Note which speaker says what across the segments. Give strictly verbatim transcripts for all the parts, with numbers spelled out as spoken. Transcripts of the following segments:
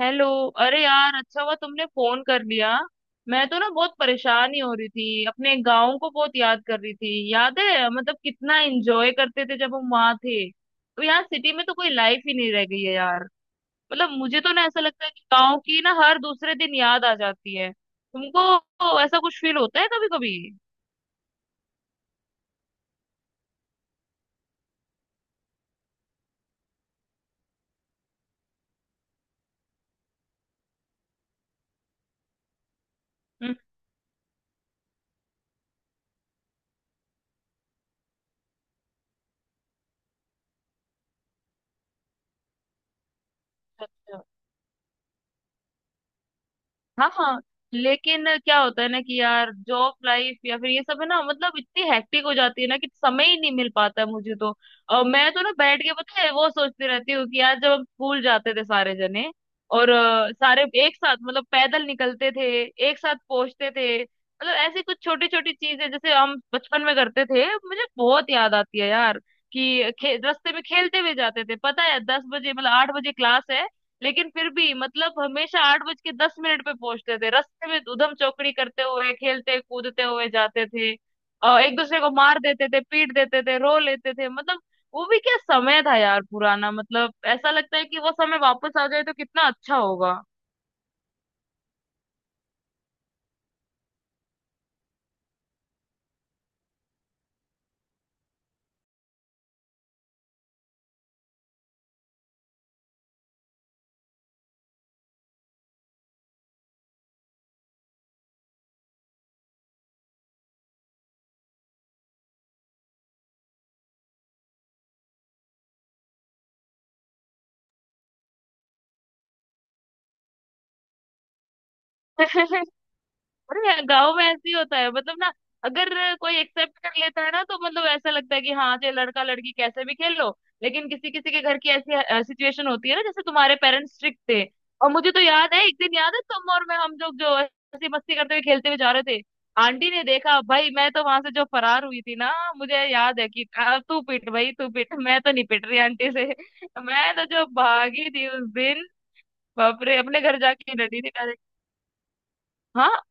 Speaker 1: Hello. अरे यार, अच्छा हुआ तुमने फोन कर लिया। मैं तो ना बहुत परेशान ही हो रही थी, अपने गांव को बहुत याद कर रही थी। याद है मतलब कितना एंजॉय करते थे जब हम वहां थे? तो यार सिटी में तो कोई लाइफ ही नहीं रह गई है यार। मतलब मुझे तो ना ऐसा लगता है कि गांव की ना हर दूसरे दिन याद आ जाती है। तुमको ऐसा कुछ फील होता है कभी कभी? अच्छा। हाँ हाँ। लेकिन क्या होता है ना कि यार जॉब लाइफ या फिर ये सब है ना, मतलब इतनी हेक्टिक हो जाती है ना कि समय ही नहीं मिल पाता है मुझे तो। और मैं तो ना बैठ के, पता है, वो सोचती रहती हूँ कि यार जब हम स्कूल जाते थे सारे जने और अ, सारे एक साथ मतलब पैदल निकलते थे, एक साथ पहुंचते थे। मतलब ऐसी कुछ छोटी छोटी चीजें जैसे हम बचपन में करते थे, मुझे बहुत याद आती है यार। कि खे, रास्ते में खेलते हुए जाते थे, पता है दस बजे मतलब आठ बजे क्लास है, लेकिन फिर भी मतलब हमेशा आठ बज के दस मिनट पे पहुंचते थे। रास्ते में उधम चौकड़ी करते हुए, खेलते कूदते हुए जाते थे और एक दूसरे को मार देते थे, पीट देते थे, रो लेते थे। मतलब वो भी क्या समय था यार, पुराना। मतलब ऐसा लगता है कि वो समय वापस आ जाए तो कितना अच्छा होगा। अरे यार, गाँव में ऐसे ही होता है मतलब ना। अगर कोई एक्सेप्ट कर लेता है ना तो मतलब ऐसा लगता है कि हाँ, चाहे लड़का लड़की कैसे भी खेल लो। लेकिन किसी किसी के घर की ऐसी सिचुएशन होती है ना, जैसे तुम्हारे पेरेंट्स स्ट्रिक्ट थे। और मुझे तो याद है एक दिन, याद है तुम और मैं हम लोग जो ऐसी मस्ती करते हुए खेलते हुए जा रहे थे, आंटी ने देखा भाई, मैं तो वहां से जो फरार हुई थी ना। मुझे याद है कि "आ, तू पिट भाई तू पिट" मैं तो नहीं पिट रही आंटी से मैं तो जो भागी थी उस दिन। बाप रे, अपने घर जाके डटी थी डायरेक्ट। हाँ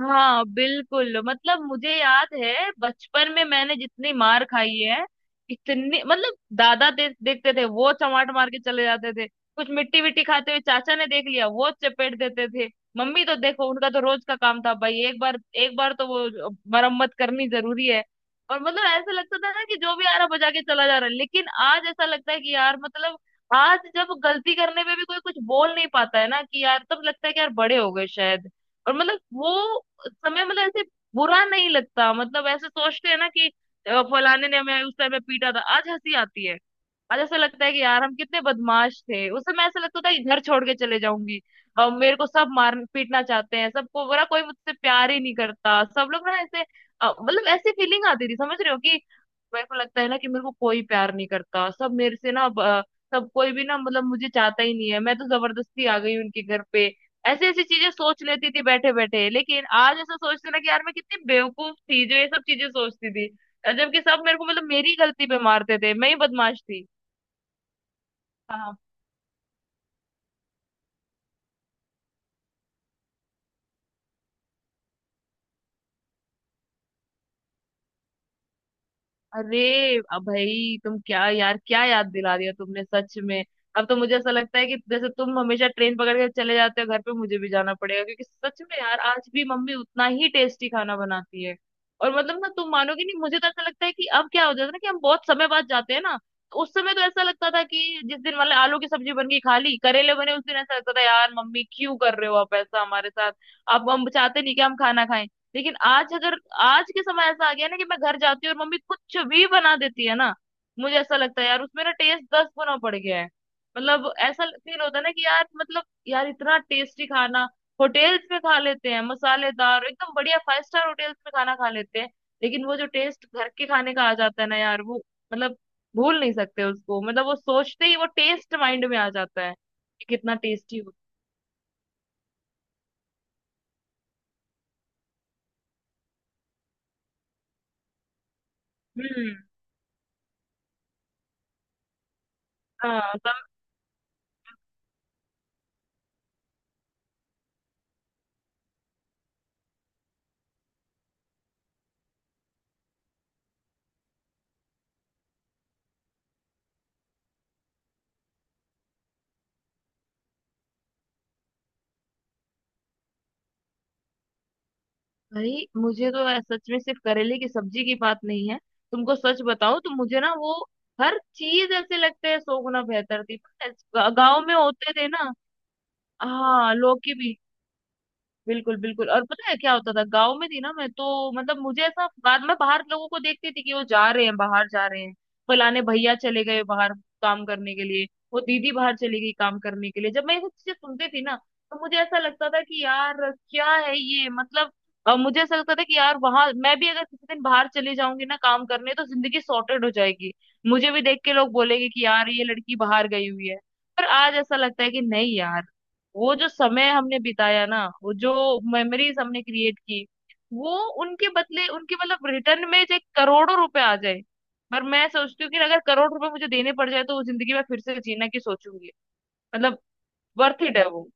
Speaker 1: हाँ बिल्कुल। मतलब मुझे याद है बचपन में मैंने जितनी मार खाई है इतनी, मतलब दादा दे, देखते थे, वो चमाट मार के चले जाते थे। कुछ मिट्टी विट्टी खाते हुए चाचा ने देख लिया, वो चपेट देते थे। मम्मी तो देखो, उनका तो रोज का काम था भाई। एक बार, एक बार तो वो मरम्मत करनी जरूरी है। और मतलब ऐसा लगता था ना कि जो भी आ रहा बजा के चला जा रहा है, लेकिन आज ऐसा लगता है कि यार मतलब आज जब गलती करने पे भी कोई कुछ बोल नहीं पाता है ना, कि यार तब लगता है कि यार बड़े हो गए शायद। और मतलब वो उस समय मतलब ऐसे बुरा नहीं लगता, मतलब ऐसे सोचते हैं ना कि अ, फलाने ने हमें उस समय पीटा था, आज हंसी आती है। आज ऐसा लगता है कि यार हम कितने बदमाश थे। उस समय ऐसा लगता था कि घर छोड़ के चले जाऊंगी, और मेरे को सब मार पीटना चाहते हैं सबको, बुरा कोई मुझसे प्यार ही नहीं करता, सब लोग ना ऐसे, अ, मतलब ऐसी फीलिंग आती थी। समझ रहे हो कि मेरे को लगता है ना कि मेरे को कोई प्यार नहीं करता, सब मेरे से ना ब- सब कोई भी ना, मतलब मुझे चाहता ही नहीं है, मैं तो जबरदस्ती आ गई उनके घर पे। ऐसी ऐसी चीजें सोच लेती थी बैठे बैठे। लेकिन आज ऐसा सोचते ना कि यार मैं कितनी बेवकूफ थी जो ये सब चीजें सोचती थी, जबकि सब मेरे को, मतलब मेरी गलती पे मारते थे, मैं ही बदमाश थी। अरे, अब भाई तुम क्या यार, क्या याद दिला दिया तुमने सच में। अब तो मुझे ऐसा लगता है कि जैसे तुम हमेशा ट्रेन पकड़ के चले जाते हो घर पे, मुझे भी जाना पड़ेगा, क्योंकि सच में यार आज भी मम्मी उतना ही टेस्टी खाना बनाती है। और मतलब ना तुम मानोगे नहीं, मुझे तो ऐसा लगता है कि, अब क्या हो जाता है ना कि हम बहुत समय बाद जाते हैं ना, तो उस समय तो ऐसा लगता था कि जिस दिन वाले आलू की सब्जी बन गई, खा ली, करेले बने उस दिन ऐसा लगता था यार मम्मी क्यों कर रहे हो आप ऐसा हमारे साथ, आप हम चाहते नहीं कि हम खाना खाएं। लेकिन आज अगर, आज के समय ऐसा आ गया ना कि मैं घर जाती हूँ और मम्मी कुछ भी बना देती है ना, मुझे ऐसा लगता है यार उसमें ना टेस्ट दस गुना बढ़ गया है। मतलब ऐसा फील होता है ना कि यार मतलब यार इतना टेस्टी खाना, होटेल्स में खा लेते हैं मसालेदार एकदम बढ़िया, फाइव स्टार होटेल्स में खाना खा लेते हैं, लेकिन वो जो टेस्ट घर के खाने का आ जाता है ना यार वो, मतलब भूल नहीं सकते उसको। मतलब वो सोचते ही वो टेस्ट माइंड में आ जाता है कि कितना टेस्टी हो। हम्म। हाँ। भाई मुझे तो ऐ- सच में सिर्फ करेले की सब्जी की बात नहीं है, तुमको सच बताओ तो मुझे ना वो हर चीज ऐसे लगता है सौ गुना बेहतर थी। गांव में होते थे ना। हाँ लौकी भी। बिल्कुल बिल्कुल। और पता है क्या होता था, गांव में थी ना मैं तो, मतलब मुझे ऐसा बाद में बाहर लोगों को देखती थी कि वो जा रहे हैं, बाहर जा रहे हैं, फलाने भैया चले गए बाहर काम करने के लिए, वो दीदी बाहर चली गई काम करने के लिए। जब मैं ये सब चीजें सुनती थी ना तो मुझे ऐसा लगता था कि यार क्या है ये, मतलब अ, मुझे ऐसा लगता था कि यार वहां मैं भी अगर किसी दिन बाहर चली जाऊंगी ना काम करने, तो जिंदगी सॉर्टेड हो जाएगी। मुझे भी देख के लोग बोलेंगे कि यार ये लड़की बाहर गई हुई है। पर आज ऐसा लगता है कि नहीं यार, वो जो समय हमने बिताया ना, वो जो मेमोरीज हमने क्रिएट की वो, उनके बदले, उनके मतलब रिटर्न में जो करोड़ों रुपए आ जाए, पर मैं सोचती हूँ कि अगर करोड़ रुपए मुझे देने पड़ जाए तो वो जिंदगी में फिर से जीना की सोचूंगी। मतलब वर्थ इट है वो।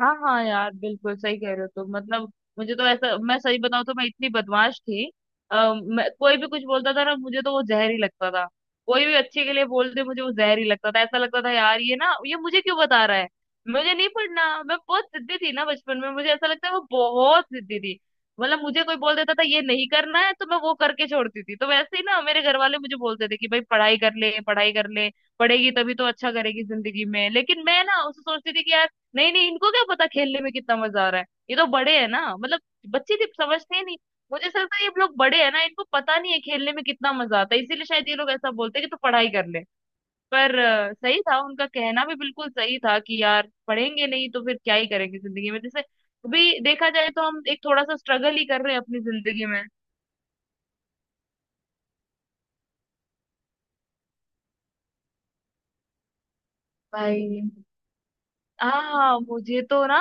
Speaker 1: हाँ हाँ यार बिल्कुल सही कह रहे हो तुम। मतलब मुझे तो ऐसा, मैं सही बताऊँ तो मैं इतनी बदमाश थी, आ, मैं, कोई भी कुछ बोलता था ना मुझे, तो वो जहर ही लगता था। कोई भी अच्छे के लिए बोलते, मुझे वो जहर ही लगता था, ऐसा लगता था यार ये ना, ये मुझे क्यों बता रहा है, मुझे नहीं पढ़ना। मैं बहुत जिद्दी थी ना बचपन में, मुझे ऐसा लगता है वो बहुत जिद्दी थी। मतलब मुझे कोई बोल देता था ये नहीं करना है, तो मैं वो करके छोड़ती थी। तो वैसे ही ना मेरे घर वाले मुझे बोलते थे कि भाई पढ़ाई कर ले, पढ़ाई कर ले, पढ़ेगी तभी तो अच्छा करेगी जिंदगी में। लेकिन मैं ना उसे सोचती थी कि यार नहीं नहीं, इनको क्या पता खेलने में कितना मजा आ रहा है, ये तो बड़े हैं ना, मतलब बच्चे थे समझते ही नहीं। मुझे ऐसा लगता है ये लोग बड़े हैं ना, इनको पता नहीं है खेलने में कितना मजा आता है, इसीलिए शायद ये लोग ऐसा बोलते हैं कि तू पढ़ाई कर ले। पर अ, सही था उनका कहना, भी बिल्कुल सही था कि यार पढ़ेंगे नहीं तो फिर क्या ही करेंगे जिंदगी में, जैसे अभी देखा जाए तो हम एक थोड़ा सा स्ट्रगल ही कर रहे हैं अपनी जिंदगी में। भाई हाँ, मुझे तो ना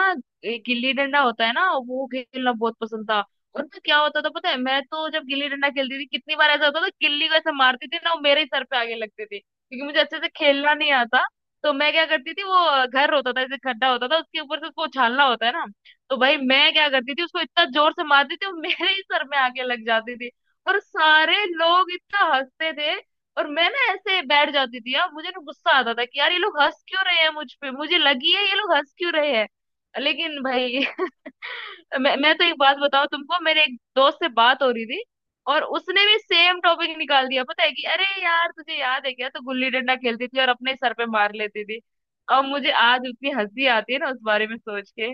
Speaker 1: एक गिल्ली डंडा होता है ना, वो खेलना बहुत पसंद था। और ना क्या होता था पता है, मैं तो जब गिल्ली डंडा खेलती थी कितनी बार ऐसा होता था गिल्ली को ऐसे मारती थी ना, वो मेरे ही सर पे आगे लगती थी, क्योंकि मुझे अच्छे से खेलना नहीं आता। तो मैं क्या करती थी, वो घर होता था ऐसे खड्डा होता था, उसके ऊपर से उसको उछालना होता है ना, तो भाई मैं क्या करती थी उसको इतना जोर से मारती थी वो मेरे ही सर में आके लग जाती थी। और सारे लोग इतना हंसते थे, और मैं ना ऐसे बैठ जाती थी यार, मुझे ना गुस्सा आता था कि यार ये लोग हंस क्यों रहे हैं मुझ पे, मुझे लगी है ये लोग हंस क्यों रहे हैं। लेकिन भाई मैं मैं तो एक बात बताऊं तुमको, मेरे एक दोस्त से बात हो रही थी और उसने भी सेम टॉपिक निकाल दिया, पता है कि अरे यार तुझे याद है क्या, तो गुल्ली डंडा खेलती थी और अपने सर पे मार लेती थी। अब मुझे आज उतनी हंसी आती है ना उस बारे में सोच के।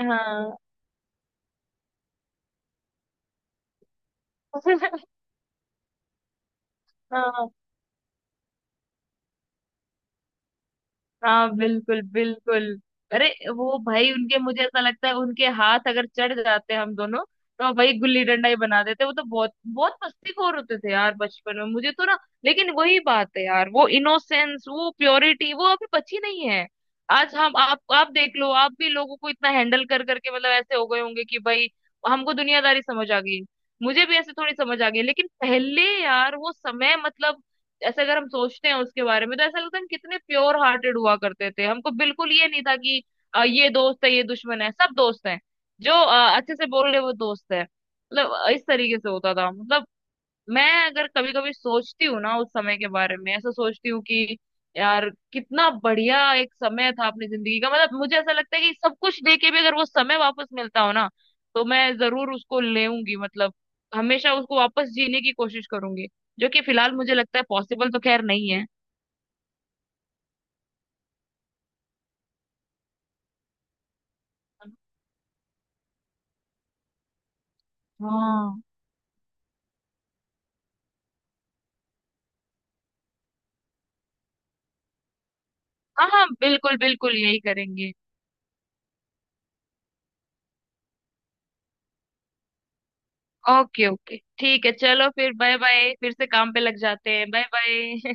Speaker 1: हाँ। हाँ हाँ बिल्कुल बिल्कुल। अरे वो भाई उनके, मुझे ऐसा लगता है उनके हाथ अगर चढ़ जाते हम दोनों, तो भाई गुल्ली डंडा ही बना देते। वो तो बहुत बहुत मस्तीखोर होते थे यार बचपन में, मुझे तो ना, लेकिन वही बात है यार, वो इनोसेंस, वो प्योरिटी वो अभी बची नहीं है। आज हम आप आप देख लो, आप भी लोगों को इतना हैंडल कर करके मतलब ऐसे हो गए होंगे कि भाई हमको दुनियादारी समझ आ गई। मुझे भी ऐसे थोड़ी समझ आ गई, लेकिन पहले यार वो समय मतलब, ऐसे अगर हम सोचते हैं उसके बारे में तो ऐसा लगता है हम कितने प्योर हार्टेड हुआ करते थे। हमको बिल्कुल ये नहीं था कि अ, ये दोस्त है, ये दुश्मन है, सब दोस्त हैं। जो अ, अच्छे से बोल रहे वो दोस्त है, मतलब अ, इस तरीके से होता था। मतलब मैं अगर कभी कभी सोचती हूँ ना उस समय के बारे में, ऐसा सोचती हूँ कि यार कितना बढ़िया एक समय था अपनी जिंदगी का। मतलब मुझे ऐसा लगता है कि सब कुछ दे के भी अगर वो समय वापस मिलता हो ना तो मैं जरूर उसको लेऊंगी। मतलब हमेशा उसको वापस जीने की कोशिश करूंगी, जो कि फिलहाल मुझे लगता है पॉसिबल तो खैर नहीं है। हाँ। हाँ हाँ बिल्कुल बिल्कुल, यही करेंगे। ओके ओके, ठीक है चलो, फिर बाय बाय, फिर से काम पे लग जाते हैं, बाय बाय।